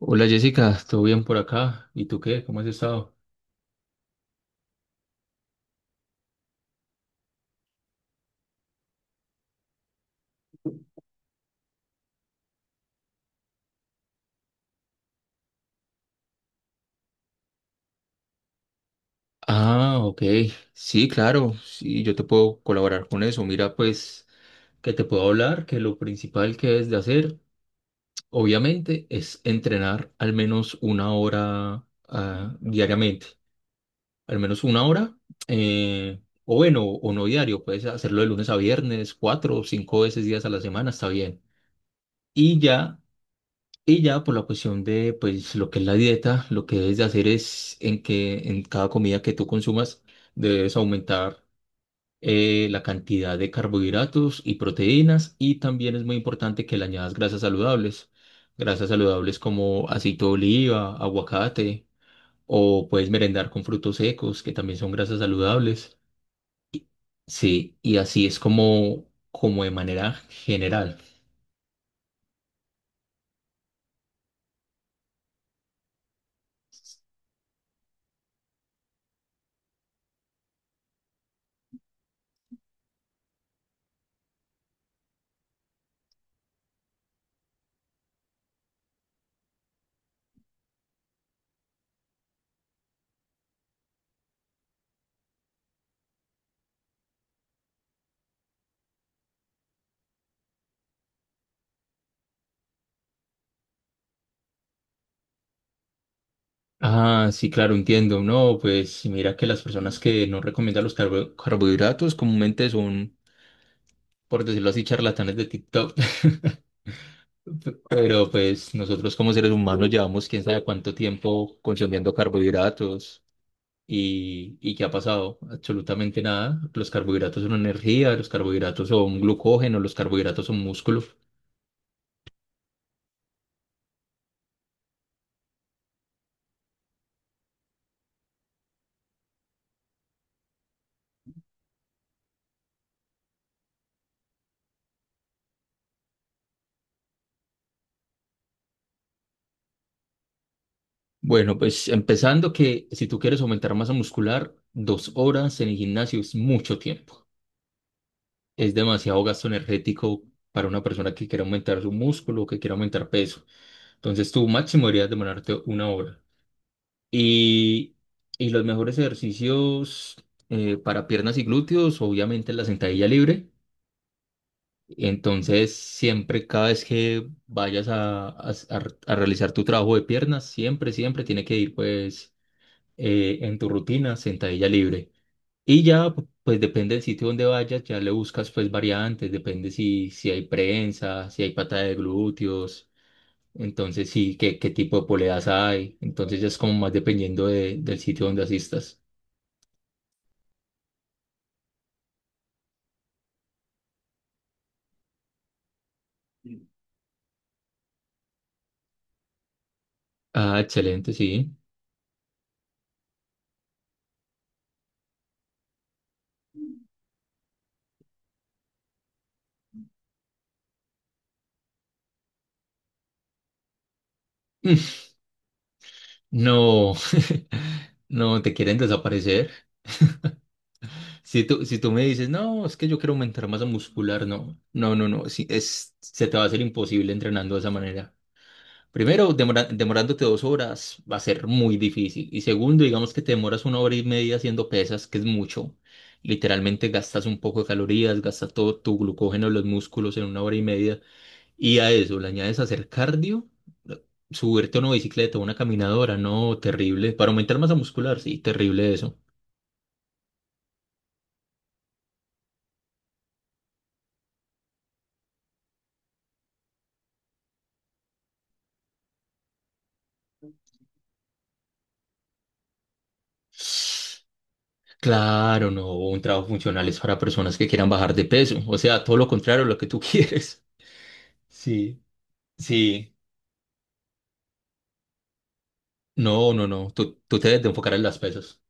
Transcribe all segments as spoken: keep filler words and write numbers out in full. Hola Jessica, ¿todo bien por acá? ¿Y tú qué? ¿Cómo has estado? Ah, ok. Sí, claro. Sí, yo te puedo colaborar con eso. Mira, pues, que te puedo hablar, que lo principal que es de hacer, obviamente, es entrenar al menos una hora ah, diariamente. Al menos una hora. eh, o bueno, o no diario. Puedes hacerlo de lunes a viernes, cuatro o cinco veces días a la semana, está bien. Y ya. Y ya por la cuestión de pues lo que es la dieta, lo que debes de hacer es en que en cada comida que tú consumas debes aumentar eh, la cantidad de carbohidratos y proteínas y también es muy importante que le añadas grasas saludables, grasas saludables como aceite de oliva, aguacate o puedes merendar con frutos secos que también son grasas saludables. Sí, y así es como como de manera general. Ah, sí, claro, entiendo. No, pues mira que las personas que no recomiendan los carbo- carbohidratos comúnmente son, por decirlo así, charlatanes de TikTok. Pero pues nosotros como seres humanos llevamos quién sabe cuánto tiempo consumiendo carbohidratos y, y ¿qué ha pasado? Absolutamente nada. Los carbohidratos son energía, los carbohidratos son glucógeno, los carbohidratos son músculo. Bueno, pues empezando que si tú quieres aumentar masa muscular, dos horas en el gimnasio es mucho tiempo. Es demasiado gasto energético para una persona que quiera aumentar su músculo o que quiera aumentar peso. Entonces, tu máximo deberías demorarte una hora. Y, y los mejores ejercicios eh, para piernas y glúteos, obviamente la sentadilla libre. Entonces, siempre, cada vez que vayas a, a- a re- a realizar tu trabajo de piernas, siempre, siempre tiene que ir pues eh, en tu rutina sentadilla libre. Y ya, pu- pues depende del sitio donde vayas, ya le buscas pues variantes, depende si, si hay prensa, si hay pata de glúteos, entonces sí, qué, qué tipo de poleas hay, entonces ya es como más dependiendo de- del sitio donde asistas. Ah, excelente, sí. Mm, No, no, te quieren desaparecer. Si tú, si tú me dices, no, es que yo quiero aumentar masa muscular, no, no, no, no, sí, es, se te va a hacer imposible entrenando de esa manera. Primero, demora- demorándote dos horas va a ser muy difícil. Y segundo, digamos que te demoras una hora y media haciendo pesas, que es mucho. Literalmente gastas un poco de calorías, gastas todo tu glucógeno en los músculos en una hora y media. Y a eso le añades hacer cardio, subirte a una bicicleta, a una caminadora, no, terrible. Para aumentar masa muscular, sí, terrible eso. Claro, no, un trabajo funcional es para personas que quieran bajar de peso. O sea, todo lo contrario a lo que tú quieres. Sí, sí. No, no, no. Tú, tú te debes de enfocar en las pesas.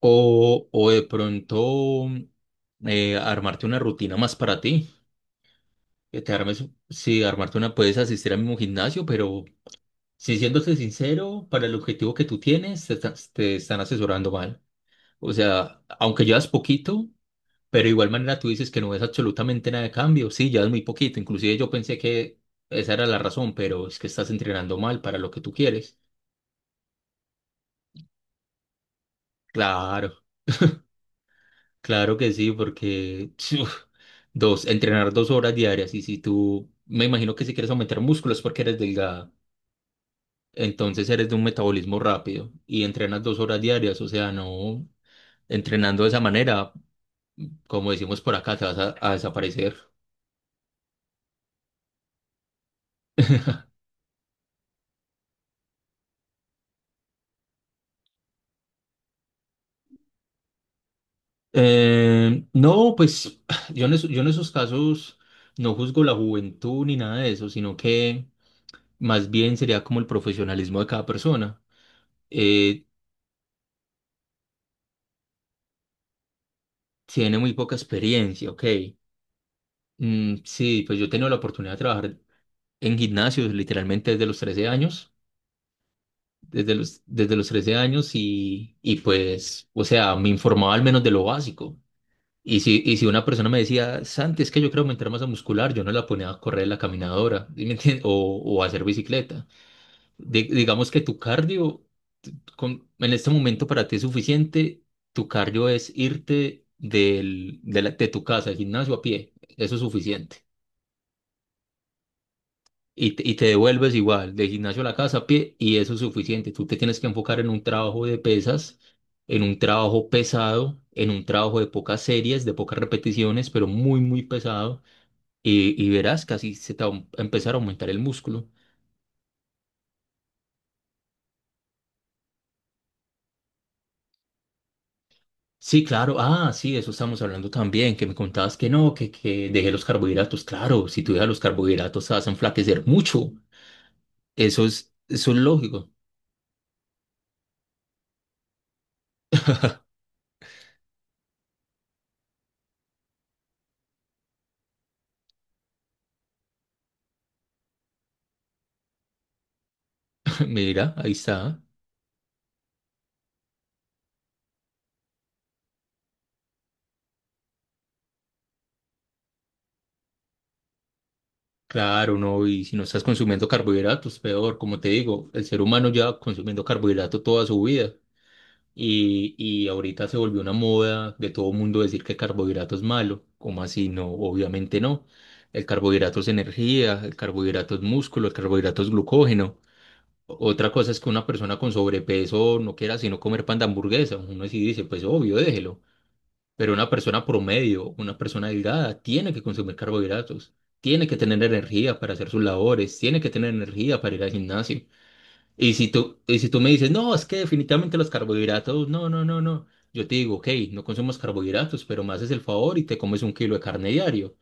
O, o de pronto eh, armarte una rutina más para ti. Que te armes, sí, armarte una, puedes asistir al mismo gimnasio, pero si siéndote sincero, para el objetivo que tú tienes, te, está- te están asesorando mal. O sea, aunque llevas poquito, pero de igual manera tú dices que no ves absolutamente nada de cambio. Sí, llevas muy poquito. Inclusive yo pensé que esa era la razón, pero es que estás entrenando mal para lo que tú quieres. Claro. Claro que sí, porque uf, dos, entrenar dos horas diarias y si tú, me imagino que si quieres aumentar músculos porque eres delgada, entonces eres de un metabolismo rápido y entrenas dos horas diarias, o sea, no, entrenando de esa manera, como decimos por acá, te vas a, a desaparecer. Eh, no, pues yo en, eso- yo en esos casos no juzgo la juventud ni nada de eso, sino que más bien sería como el profesionalismo de cada persona. Eh, tiene muy poca experiencia, ok. Mm, sí, pues yo he tenido la oportunidad de trabajar en gimnasios literalmente desde los trece años, desde los, desde los trece años y, y pues, o sea, me informaba al menos de lo básico. Y si, y si una persona me decía, Santi, es que yo quiero aumentar masa muscular, yo no la ponía a correr en la caminadora, ¿sí me entiendes? O, o a hacer bicicleta. Di- digamos que tu cardio, t- con- en este momento para ti es suficiente, tu cardio es irte del, de, la- de tu casa al gimnasio a pie, eso es suficiente. y te, y te devuelves igual, del gimnasio a la casa a pie, y eso es suficiente. Tú te tienes que enfocar en un trabajo de pesas, en un trabajo pesado, en un trabajo de pocas series, de pocas repeticiones, pero muy, muy pesado, y, y verás que así se te va a em, empezar a aumentar el músculo. Sí, claro, ah, sí, de eso estamos hablando también, que me contabas que no, que, que dejé los carbohidratos, claro, si tú dejas los carbohidratos te vas a enflaquecer mucho, eso es, eso es lógico. Mira, ahí está. Claro, no, y si no estás consumiendo carbohidratos, peor, como te digo, el ser humano lleva consumiendo carbohidrato toda su vida y, y ahorita se volvió una moda de todo mundo decir que el carbohidrato es malo, ¿cómo así? No, obviamente no. El carbohidrato es energía, el carbohidrato es músculo, el carbohidrato es glucógeno. Otra cosa es que una persona con sobrepeso no quiera sino comer pan de hamburguesa, uno sí dice, pues obvio, déjelo, pero una persona promedio, una persona delgada, tiene que consumir carbohidratos, tiene que tener energía para hacer sus labores, tiene que tener energía para ir al gimnasio. Y si tú, y si tú me dices, no, es que definitivamente los carbohidratos, no, no, no, no. Yo te digo, ok, no consumas carbohidratos, pero me haces el favor y te comes un kilo de carne diario,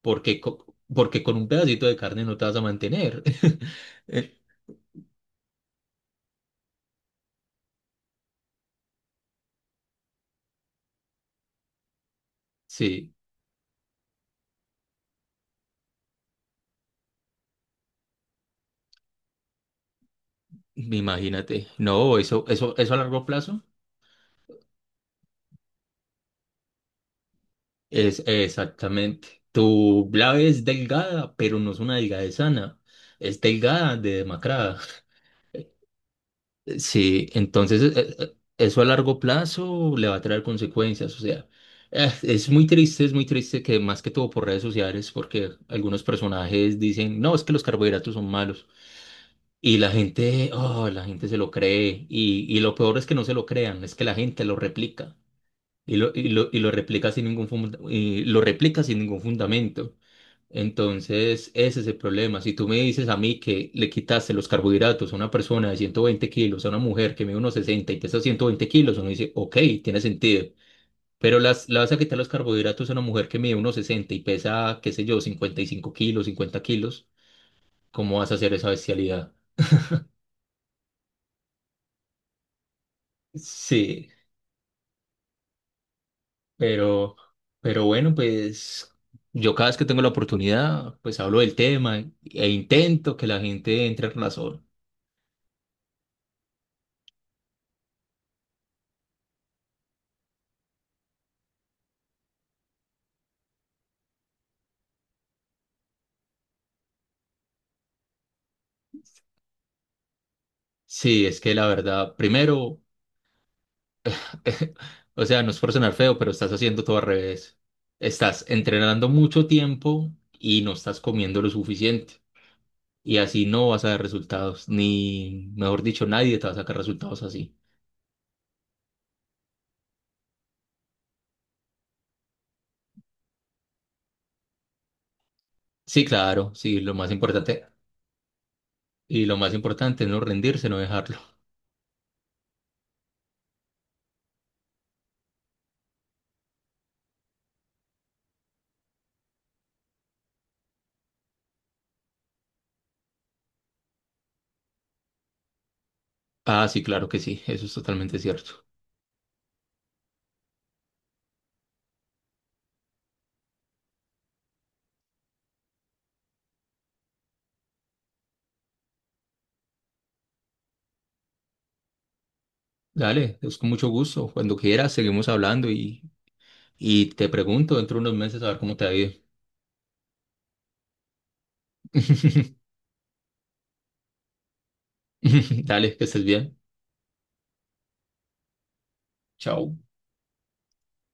porque, co- porque con un pedacito de carne no te vas a mantener. Eh, Sí, imagínate. No, eso, eso, eso a largo plazo. Es exactamente. Tu blave es delgada, pero no es una delgadez sana. Es delgada de demacrada. Sí, entonces eh, eh, eso a largo plazo le va a traer consecuencias. O sea, eh, es muy triste, es muy triste que más que todo por redes sociales, porque algunos personajes dicen, no, es que los carbohidratos son malos. Y la gente, oh, la gente se lo cree. Y, y lo peor es que no se lo crean, es que la gente lo replica. Y lo, y lo, y lo replica sin ningún funda- y lo replica sin ningún fundamento. Entonces, ese es el problema. Si tú me dices a mí que le quitaste los carbohidratos a una persona de ciento veinte kilos, a una mujer que mide unos sesenta y pesa ciento veinte kilos, uno dice, ok, tiene sentido. Pero las, le vas a quitar los carbohidratos a una mujer que mide unos sesenta y pesa, qué sé yo, cincuenta y cinco kilos, cincuenta kilos, ¿cómo vas a hacer esa bestialidad? Sí, pero, pero bueno, pues yo cada vez que tengo la oportunidad, pues hablo del tema e intento que la gente entre en razón. Sí, es que la verdad, primero O sea, no es por sonar feo, pero estás haciendo todo al revés. Estás entrenando mucho tiempo y no estás comiendo lo suficiente. Y así no vas a dar resultados, ni, mejor dicho, nadie te va a sacar resultados así. Sí, claro, sí, lo más importante, y lo más importante es no rendirse, no dejarlo. Ah, sí, claro que sí, eso es totalmente cierto. Dale, es con mucho gusto. Cuando quieras, seguimos hablando y, y te pregunto dentro de unos meses a ver cómo te ha ido. Dale, que estés bien. Chao.